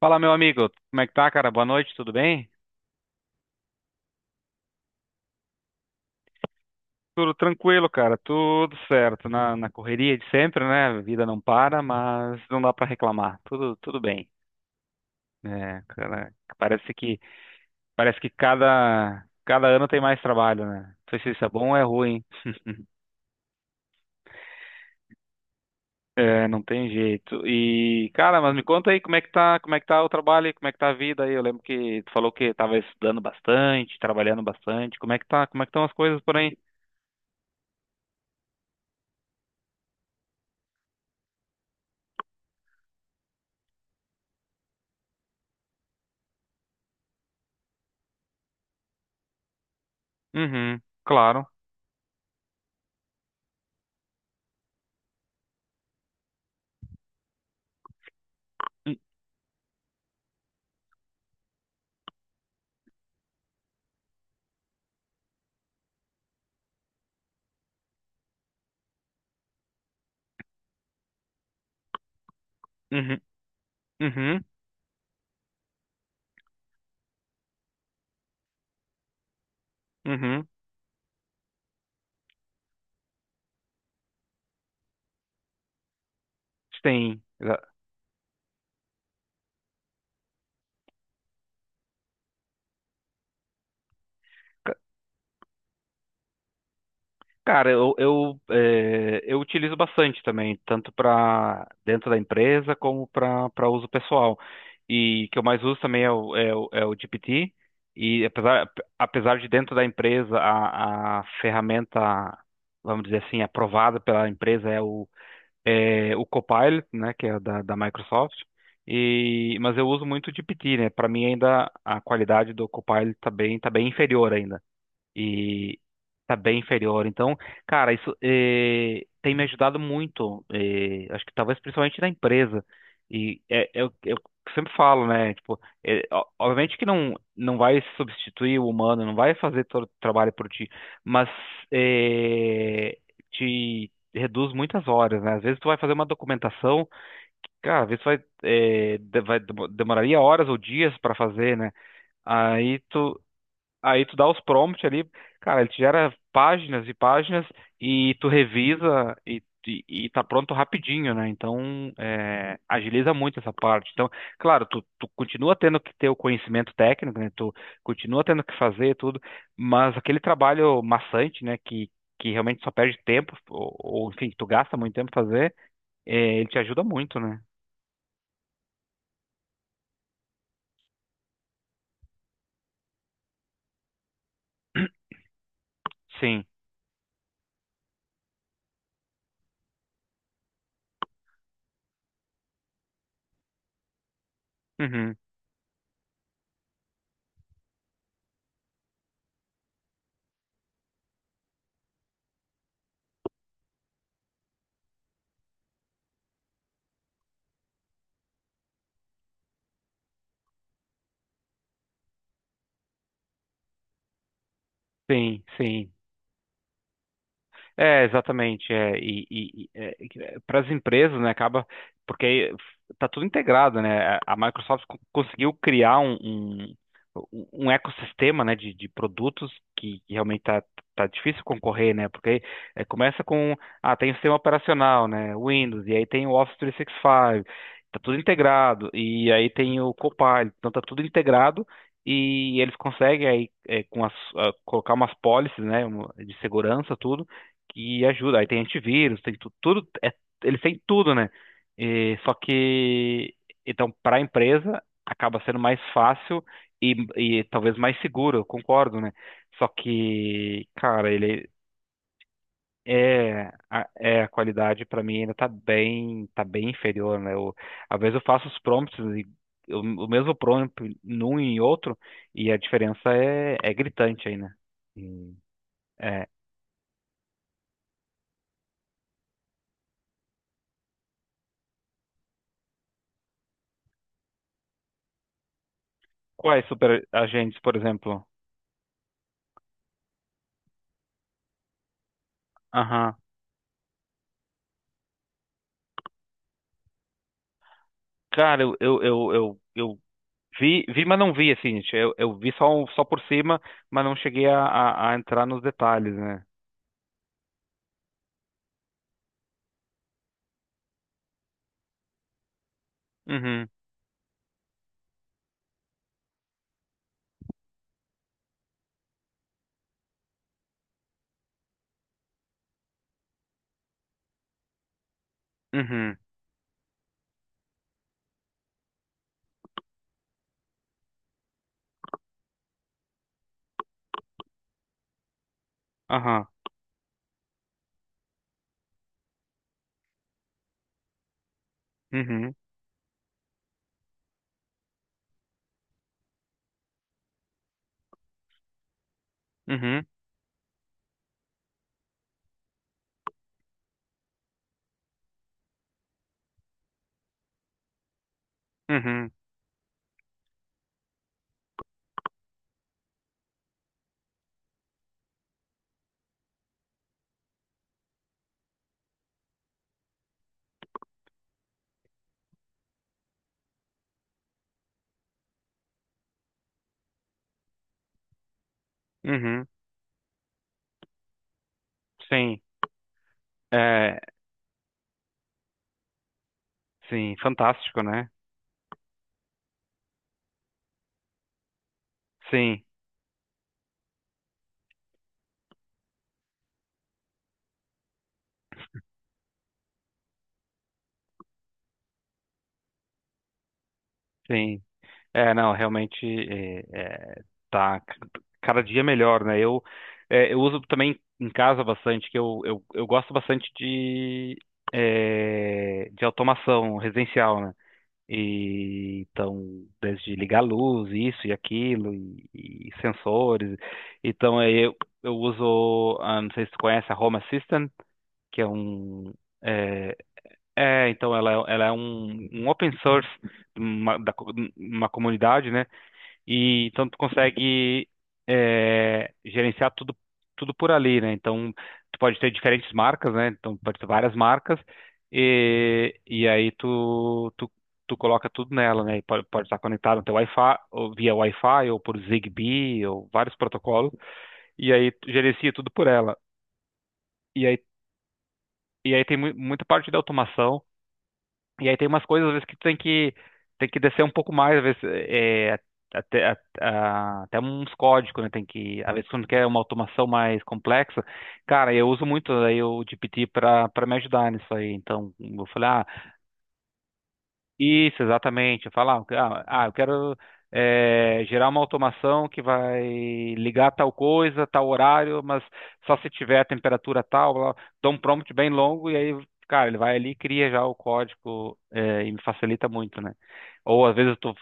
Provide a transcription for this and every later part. Fala, meu amigo. Como é que tá, cara? Boa noite, tudo bem? Tudo tranquilo, cara. Tudo certo. Na correria de sempre, né? A vida não para, mas não dá pra reclamar. Tudo bem. É, cara, parece que cada ano tem mais trabalho, né? Não sei se isso é bom ou é ruim. É, não tem jeito. E, cara, mas me conta aí como é que tá, como é que tá o trabalho, e como é que tá a vida aí? Eu lembro que tu falou que tava estudando bastante, trabalhando bastante. Como é que tá, como é que estão as coisas por aí? Uhum, claro. Uhum. Uhum, uhum. Sim. Ca- Cara, eu utilizo bastante também, tanto para dentro da empresa como para uso pessoal. E que eu mais uso também é é o GPT. E apesar de dentro da empresa a ferramenta, vamos dizer assim, aprovada pela empresa é é o Copilot, né, que é da Microsoft. E, mas eu uso muito o GPT, né? Para mim ainda a qualidade do Copilot tá bem inferior ainda. E tá bem inferior. Então, cara, isso tem me ajudado muito. Acho que talvez principalmente na empresa. E eu sempre falo, né? Tipo, obviamente que não vai substituir o humano, não vai fazer todo o trabalho por ti, mas eh, te reduz muitas horas, né? Às vezes tu vai fazer uma documentação, cara, às vezes vai, eh, de- vai demo- demoraria horas ou dias para fazer, né? Aí tu Aí tu dá os prompts ali, cara, ele te gera páginas e páginas e tu revisa e tá pronto rapidinho, né? Então, é, agiliza muito essa parte. Então, claro, tu continua tendo que ter o conhecimento técnico, né? Tu continua tendo que fazer tudo, mas aquele trabalho maçante, né? Que realmente só perde tempo, ou enfim, tu gasta muito tempo fazer, é, ele te ajuda muito, né? Sim. Uhum. Sim, sim. É, exatamente. É, e para as empresas, né, acaba porque tá tudo integrado, né? A Microsoft conseguiu criar um ecossistema, né, de produtos que realmente tá, tá difícil concorrer, né? Porque é, começa com, tem o sistema operacional, né, Windows, e aí tem o Office 365, tá tudo integrado, e aí tem o Copilot, então tá tudo integrado. E eles conseguem aí é, com as, colocar umas policies, né, de segurança, tudo que ajuda. Aí tem antivírus, tem tudo, é, eles têm tudo, né? E, só que, então, para a empresa, acaba sendo mais fácil e, e talvez mais seguro, eu concordo, né? Só que, cara, ele é, é a qualidade para mim ainda tá bem inferior, né? Eu, às vezes eu faço os prompts e o mesmo prompt num e em outro e a diferença é gritante aí, né? Hum. É. Quais super agentes, por exemplo? Aham. Cara, eu vi, mas não vi, assim, gente. Eu vi só, só por cima, mas não cheguei a entrar nos detalhes, né? Uhum, uhum, aham, uhum, uhum, uhum, uhum, sim, é, sim, fantástico, né? Sim, sim, é, não, realmente, é, tá, cada dia melhor, né? Eu uso também em casa bastante, que eu gosto bastante de automação residencial, né? E então, desde ligar a luz, isso e aquilo, e sensores. Então, eu uso. Ah, não sei se tu conhece a Home Assistant, que é um. É, então, ela é um, um open source, de uma, uma comunidade, né? E então tu consegue é, gerenciar tudo, por ali, né? Então tu pode ter diferentes marcas, né? Então pode ter várias marcas e aí tu coloca tudo nela, né? E pode estar conectado no teu Wi-Fi, ou via Wi-Fi, ou por Zigbee, ou vários protocolos, e aí tu gerencia tudo por ela. E aí, e aí tem mu muita parte da automação. E aí tem umas coisas, às vezes, que tu tem que descer um pouco mais, às vezes, é, até uns códigos, né? Tem que, às vezes, quando quer uma automação mais complexa, cara, eu uso muito aí o GPT para me ajudar nisso aí. Então, eu falei, ah, isso, exatamente. Falar, ah, eu quero gerar uma automação que vai ligar tal coisa, tal horário, mas só se tiver a temperatura tal, blá, blá. Dou um prompt bem longo e aí, cara, ele vai ali e cria já o código, e me facilita muito, né? Ou às vezes eu tô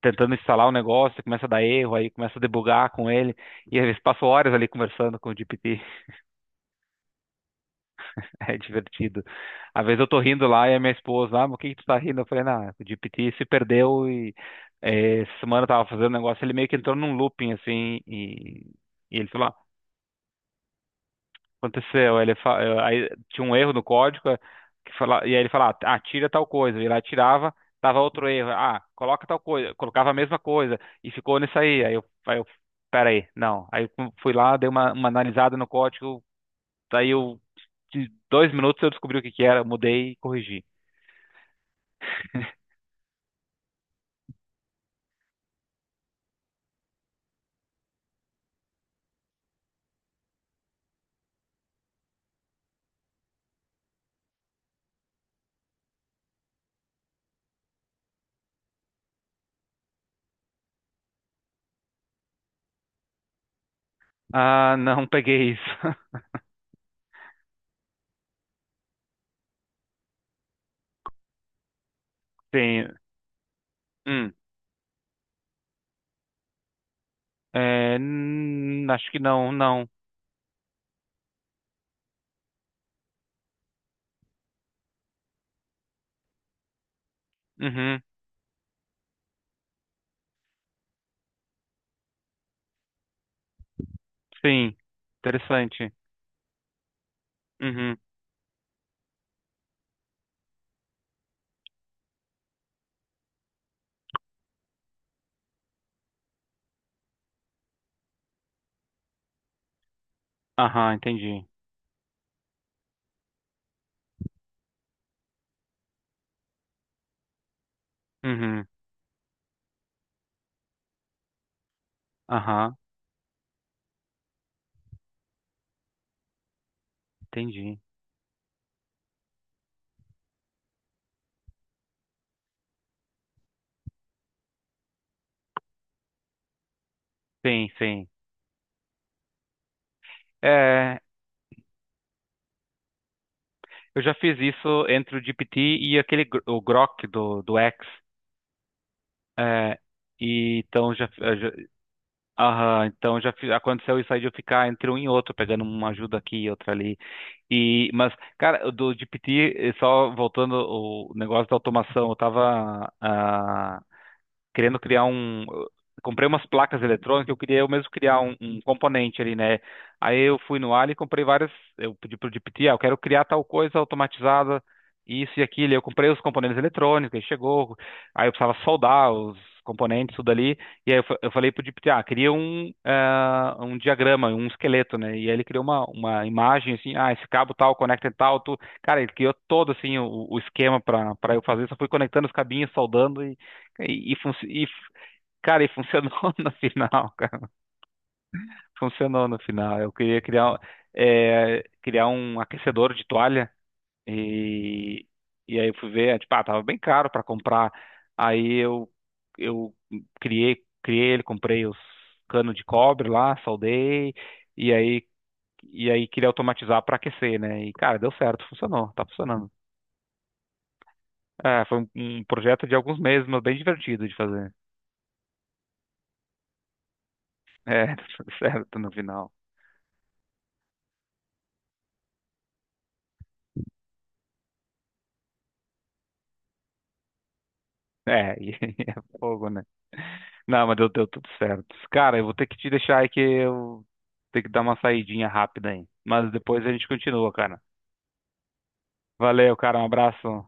tentando instalar um negócio, começa a dar erro, aí começa a debugar com ele, e às vezes passo horas ali conversando com o GPT. É divertido. Às vezes eu tô rindo lá e a minha esposa, ah, mas o que que tu tá rindo? Eu falei, não, o GPT se perdeu. E Essa semana eu tava fazendo um negócio, ele meio que entrou num looping assim, e ele falou, ah, aconteceu. Aí tinha um erro no código, que fala, e aí ele falava, ah, tira tal coisa, e lá tirava, tava outro erro, ah, coloca tal coisa, colocava a mesma coisa e ficou nisso aí. Pera aí, não. Aí eu fui lá, dei uma analisada no código. Daí eu, de dois minutos eu descobri o que que era, mudei e corrigi. Ah, não peguei isso. Sim. Hum. É, acho que não, não. Uhum. Sim. Interessante. Uhum. Aham, entendi. Uhum. Aham, entendi. Sim, sim. É, eu já fiz isso entre o GPT e aquele o Grok do X. É, e então já. Aham, então já aconteceu isso aí de eu ficar entre um e outro, pegando uma ajuda aqui e outra ali. E, mas, cara, o do GPT, só voltando o negócio da automação, eu tava, ah, querendo criar um. Comprei umas placas eletrônicas, eu queria eu mesmo criar um, componente ali, né? Aí eu fui no Ali e comprei várias. Eu pedi pro GPT, ah, eu quero criar tal coisa automatizada, isso e aquilo. Eu comprei os componentes eletrônicos, ele chegou. Aí eu precisava soldar os componentes, tudo ali. E aí eu falei pro GPT, ah, cria um, ah, um diagrama, um esqueleto, né? E aí ele criou uma imagem assim, ah, esse cabo tal, conecta em tal, tu. Cara, ele criou todo assim o esquema para eu fazer, só fui conectando os cabinhos, soldando e, e, func- e f- cara, e funcionou no final, cara. Funcionou no final. Eu queria criar, criar um aquecedor de toalha e, e aí eu fui ver, tipo, ah, tava bem caro para comprar. Aí eu criei, ele, comprei os canos de cobre lá, soldei e aí e aí queria automatizar para aquecer, né? E cara, deu certo, funcionou, tá funcionando. É, foi um, projeto de alguns meses, mas bem divertido de fazer. É, deu certo no final. É, e é fogo, né? Não, mas deu tudo certo. Cara, eu vou ter que te deixar aí que eu tenho que dar uma saidinha rápida aí. Mas depois a gente continua, cara. Valeu, cara. Um abraço.